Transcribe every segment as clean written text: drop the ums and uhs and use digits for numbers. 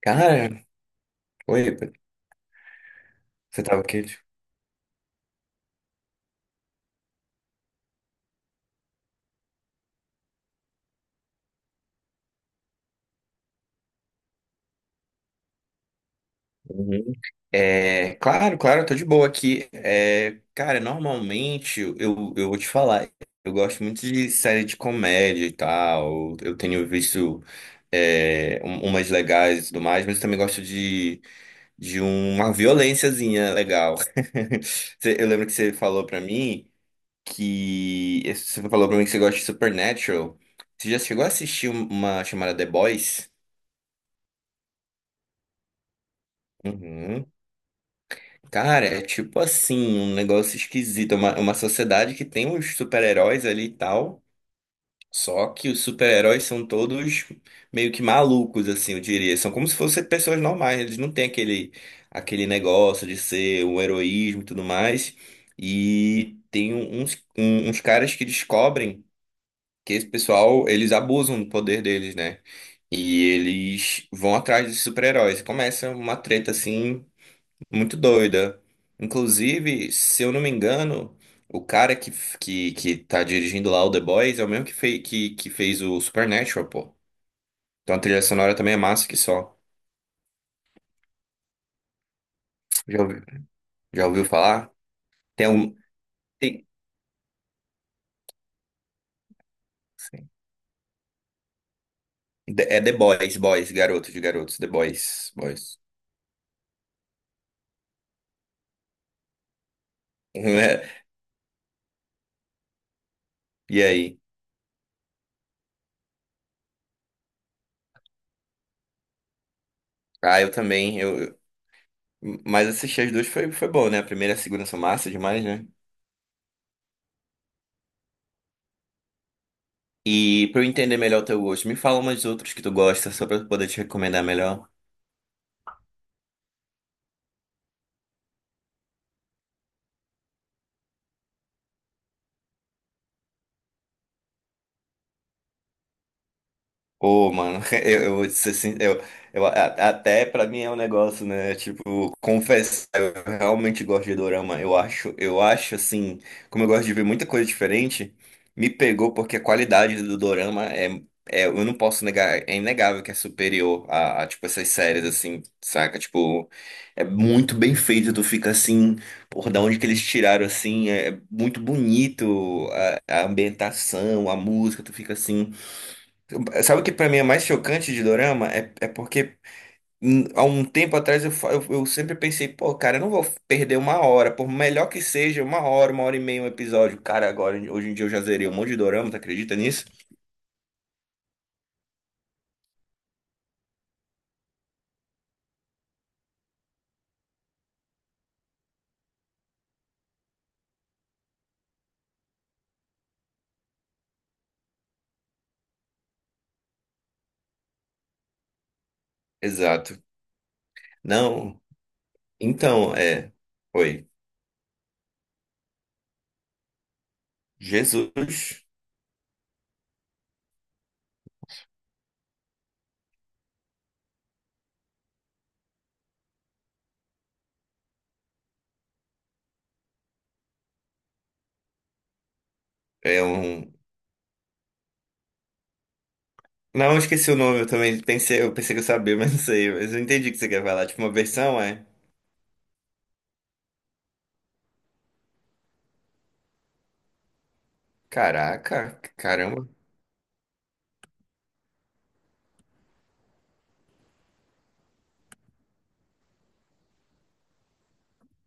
Cara, oi, você tava quente? Uhum. É, claro, claro, eu tô de boa aqui. É, cara, normalmente eu, eu vou te falar, eu gosto muito de série de comédia e tal. Eu tenho visto umas legais e tudo mais, mas eu também gosto de uma violênciazinha legal. Eu lembro que você falou pra mim que. Você falou pra mim que você gosta de Supernatural. Você já chegou a assistir uma chamada The Boys? Uhum. Cara, é tipo assim, um negócio esquisito. É uma sociedade que tem uns super-heróis ali e tal. Só que os super-heróis são todos meio que malucos, assim, eu diria. São como se fossem pessoas normais. Eles não têm aquele, aquele negócio de ser um heroísmo e tudo mais. E tem uns caras que descobrem que esse pessoal, eles abusam do poder deles, né? E eles vão atrás desses super-heróis. Começa uma treta assim. Muito doida. Inclusive, se eu não me engano, o cara que tá dirigindo lá o The Boys é o mesmo que fez o Supernatural, pô. Então a trilha sonora também é massa que só. Já ouviu, já ouviu falar? Tem um. Tem, sim. É The Boys, Boys, garotos de garotos, The Boys, Boys. É, e aí? Ah, eu também. Mas assistir as duas foi bom, né? A primeira e a segunda são massa demais, né? E pra eu entender melhor o teu gosto, me fala umas outras que tu gosta, só pra eu poder te recomendar melhor. Ô, mano, eu vou te ser sin- eu, a- até pra mim é um negócio, né? Tipo, confessar, eu realmente gosto de dorama. Eu acho assim, como eu gosto de ver muita coisa diferente, me pegou porque a qualidade do dorama é, eu não posso negar, é inegável que é superior a, tipo, essas séries, assim, saca? Tipo, é muito bem feito, tu fica assim, por da onde que eles tiraram, assim, é muito bonito a ambientação, a música, tu fica assim. Sabe o que pra mim é mais chocante de dorama? É, porque há um tempo atrás eu sempre pensei, pô, cara, eu não vou perder uma hora, por melhor que seja, uma hora e meia um episódio. Cara, agora, hoje em dia eu já zerei um monte de dorama, tu acredita nisso? Exato. Não, então, é. Oi. Jesus é um. Não, eu esqueci o nome, eu pensei que eu sabia, mas não sei. Mas eu entendi o que você quer falar. Tipo, uma versão é. Caraca, caramba.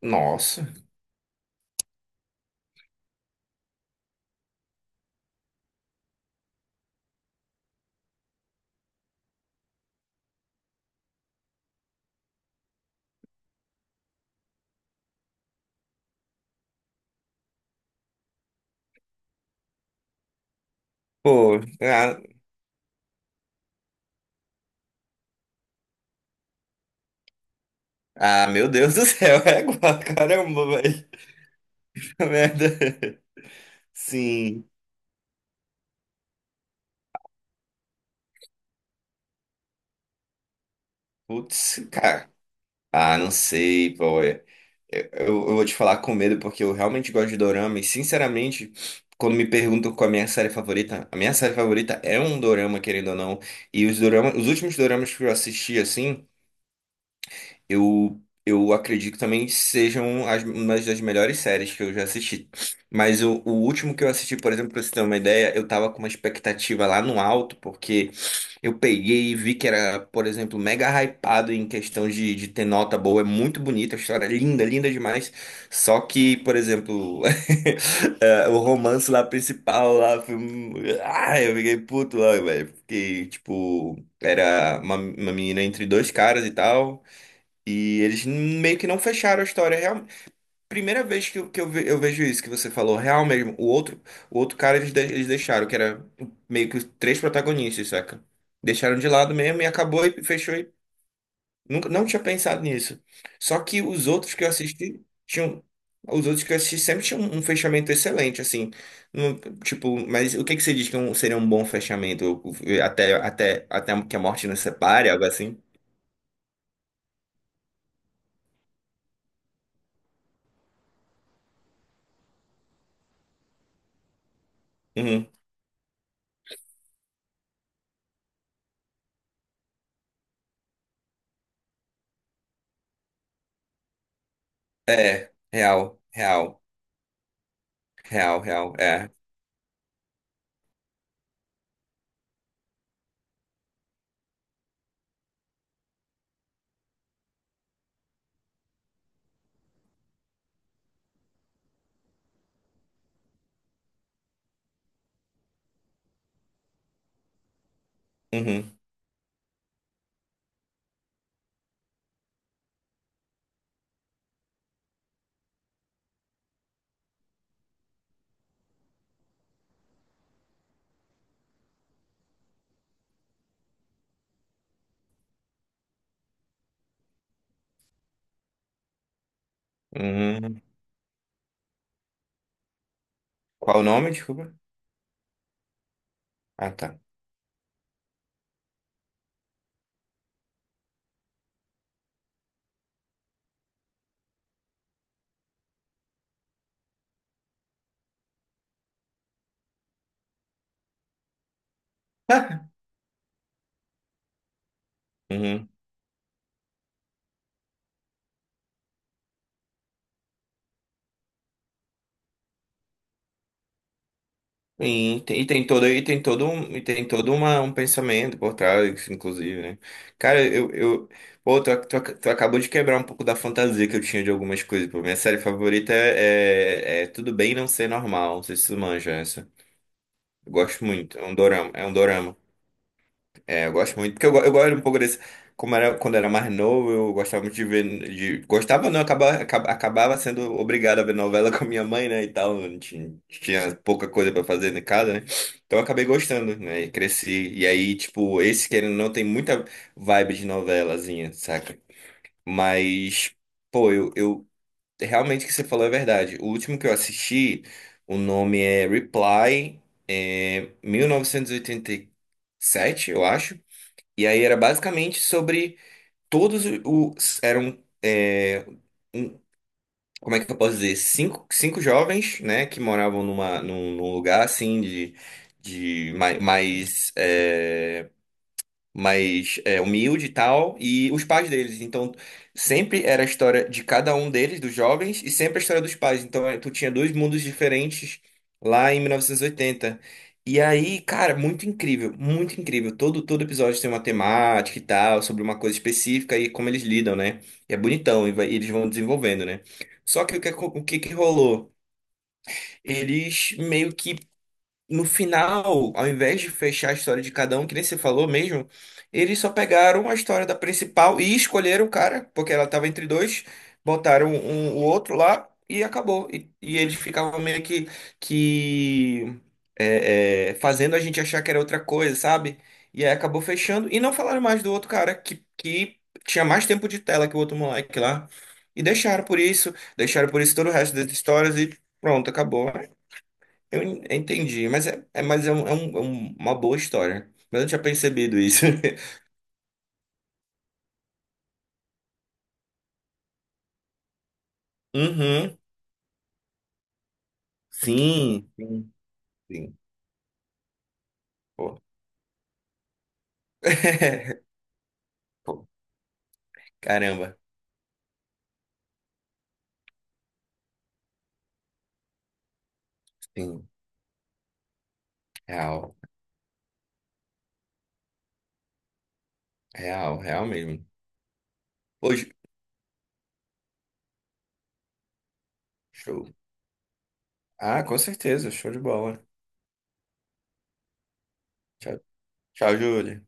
Nossa. Pô, ah, ah, meu Deus do céu, é igual, caramba, velho. Merda. Sim. Putz, cara. Ah, não sei, pô. Eu vou te falar com medo, porque eu realmente gosto de dorama. E, sinceramente, quando me perguntam qual é a minha série favorita, a minha série favorita é um dorama, querendo ou não. Os últimos doramas que eu assisti, assim. Eu acredito que também que sejam uma das melhores séries que eu já assisti. Mas o último que eu assisti, por exemplo, pra você ter uma ideia, eu tava com uma expectativa lá no alto, porque eu peguei e vi que era, por exemplo, mega hypado em questão de ter nota boa. É muito bonita, a história é linda, linda demais. Só que, por exemplo, é, o romance lá principal lá foi. Ah, eu fiquei puto lá, velho. Fiquei, tipo, era uma menina entre dois caras e tal. E eles meio que não fecharam a história real. Primeira vez que eu vejo isso que você falou, real mesmo. O outro cara eles deixaram, que era meio que os três protagonistas, saca? Deixaram de lado mesmo e acabou e fechou. E nunca, não tinha pensado nisso. Só que os outros que eu assisti tinham. Os outros que eu assisti sempre tinham um fechamento excelente, assim. Não- tipo, mas o que que você diz que é seria um bom fechamento? Até que a morte nos separe, algo assim? Uhum. É, real, real. Real, real, é. Uhum, uhum. Qual o nome? Desculpa. Ah, tá. Uhum. E tem todo um pensamento por trás, inclusive, né? Cara, pô, tu acabou de quebrar um pouco da fantasia que eu tinha de algumas coisas. Pô, minha série favorita é Tudo Bem Não Ser Normal. Não sei se tu manja essa. Eu gosto muito. É um dorama, é um dorama. É, eu gosto muito, porque eu gosto um pouco desse. Como era, quando era mais novo, eu gostava muito de ver. De, gostava, não, acabava sendo obrigado a ver novela com a minha mãe, né? E tal. Não. Tinha pouca coisa pra fazer em casa, né? Então eu acabei gostando, né? E cresci. E aí, tipo, esse querendo ou não tem muita vibe de novelazinha, saca? Mas, pô, eu realmente o que você falou é verdade. O último que eu assisti, o nome é Reply, é 1987 eu acho. E aí era basicamente sobre todos os. Eram. Um- Como é que eu posso dizer? Cinco jovens, né? Que moravam num lugar assim de mais, é, mas é, humilde e tal, e os pais deles. Então, sempre era a história de cada um deles, dos jovens, e sempre a história dos pais. Então, é, tu tinha dois mundos diferentes lá em 1980. E oitenta. E aí, cara, muito incrível, muito incrível. Todo episódio tem uma temática e tal, sobre uma coisa específica e como eles lidam, né? E é bonitão, e eles vão desenvolvendo, né? Só que o que que rolou? Eles meio que no final, ao invés de fechar a história de cada um, que nem você falou mesmo, eles só pegaram a história da principal e escolheram o cara, porque ela tava entre dois, botaram um, o outro lá e acabou. E eles ficavam meio que fazendo a gente achar que era outra coisa, sabe? E aí acabou fechando e não falaram mais do outro cara que tinha mais tempo de tela que o outro moleque lá. E deixaram por isso todo o resto das histórias e pronto, acabou. Eu entendi, mas uma boa história. Mas eu não tinha percebido isso. Uhum. Sim, sim, sim. Pô. Pô, caramba. Sim, real, real, real mesmo. Hoje, show. Ah, com certeza, show de bola. Tchau, tchau, Júlia.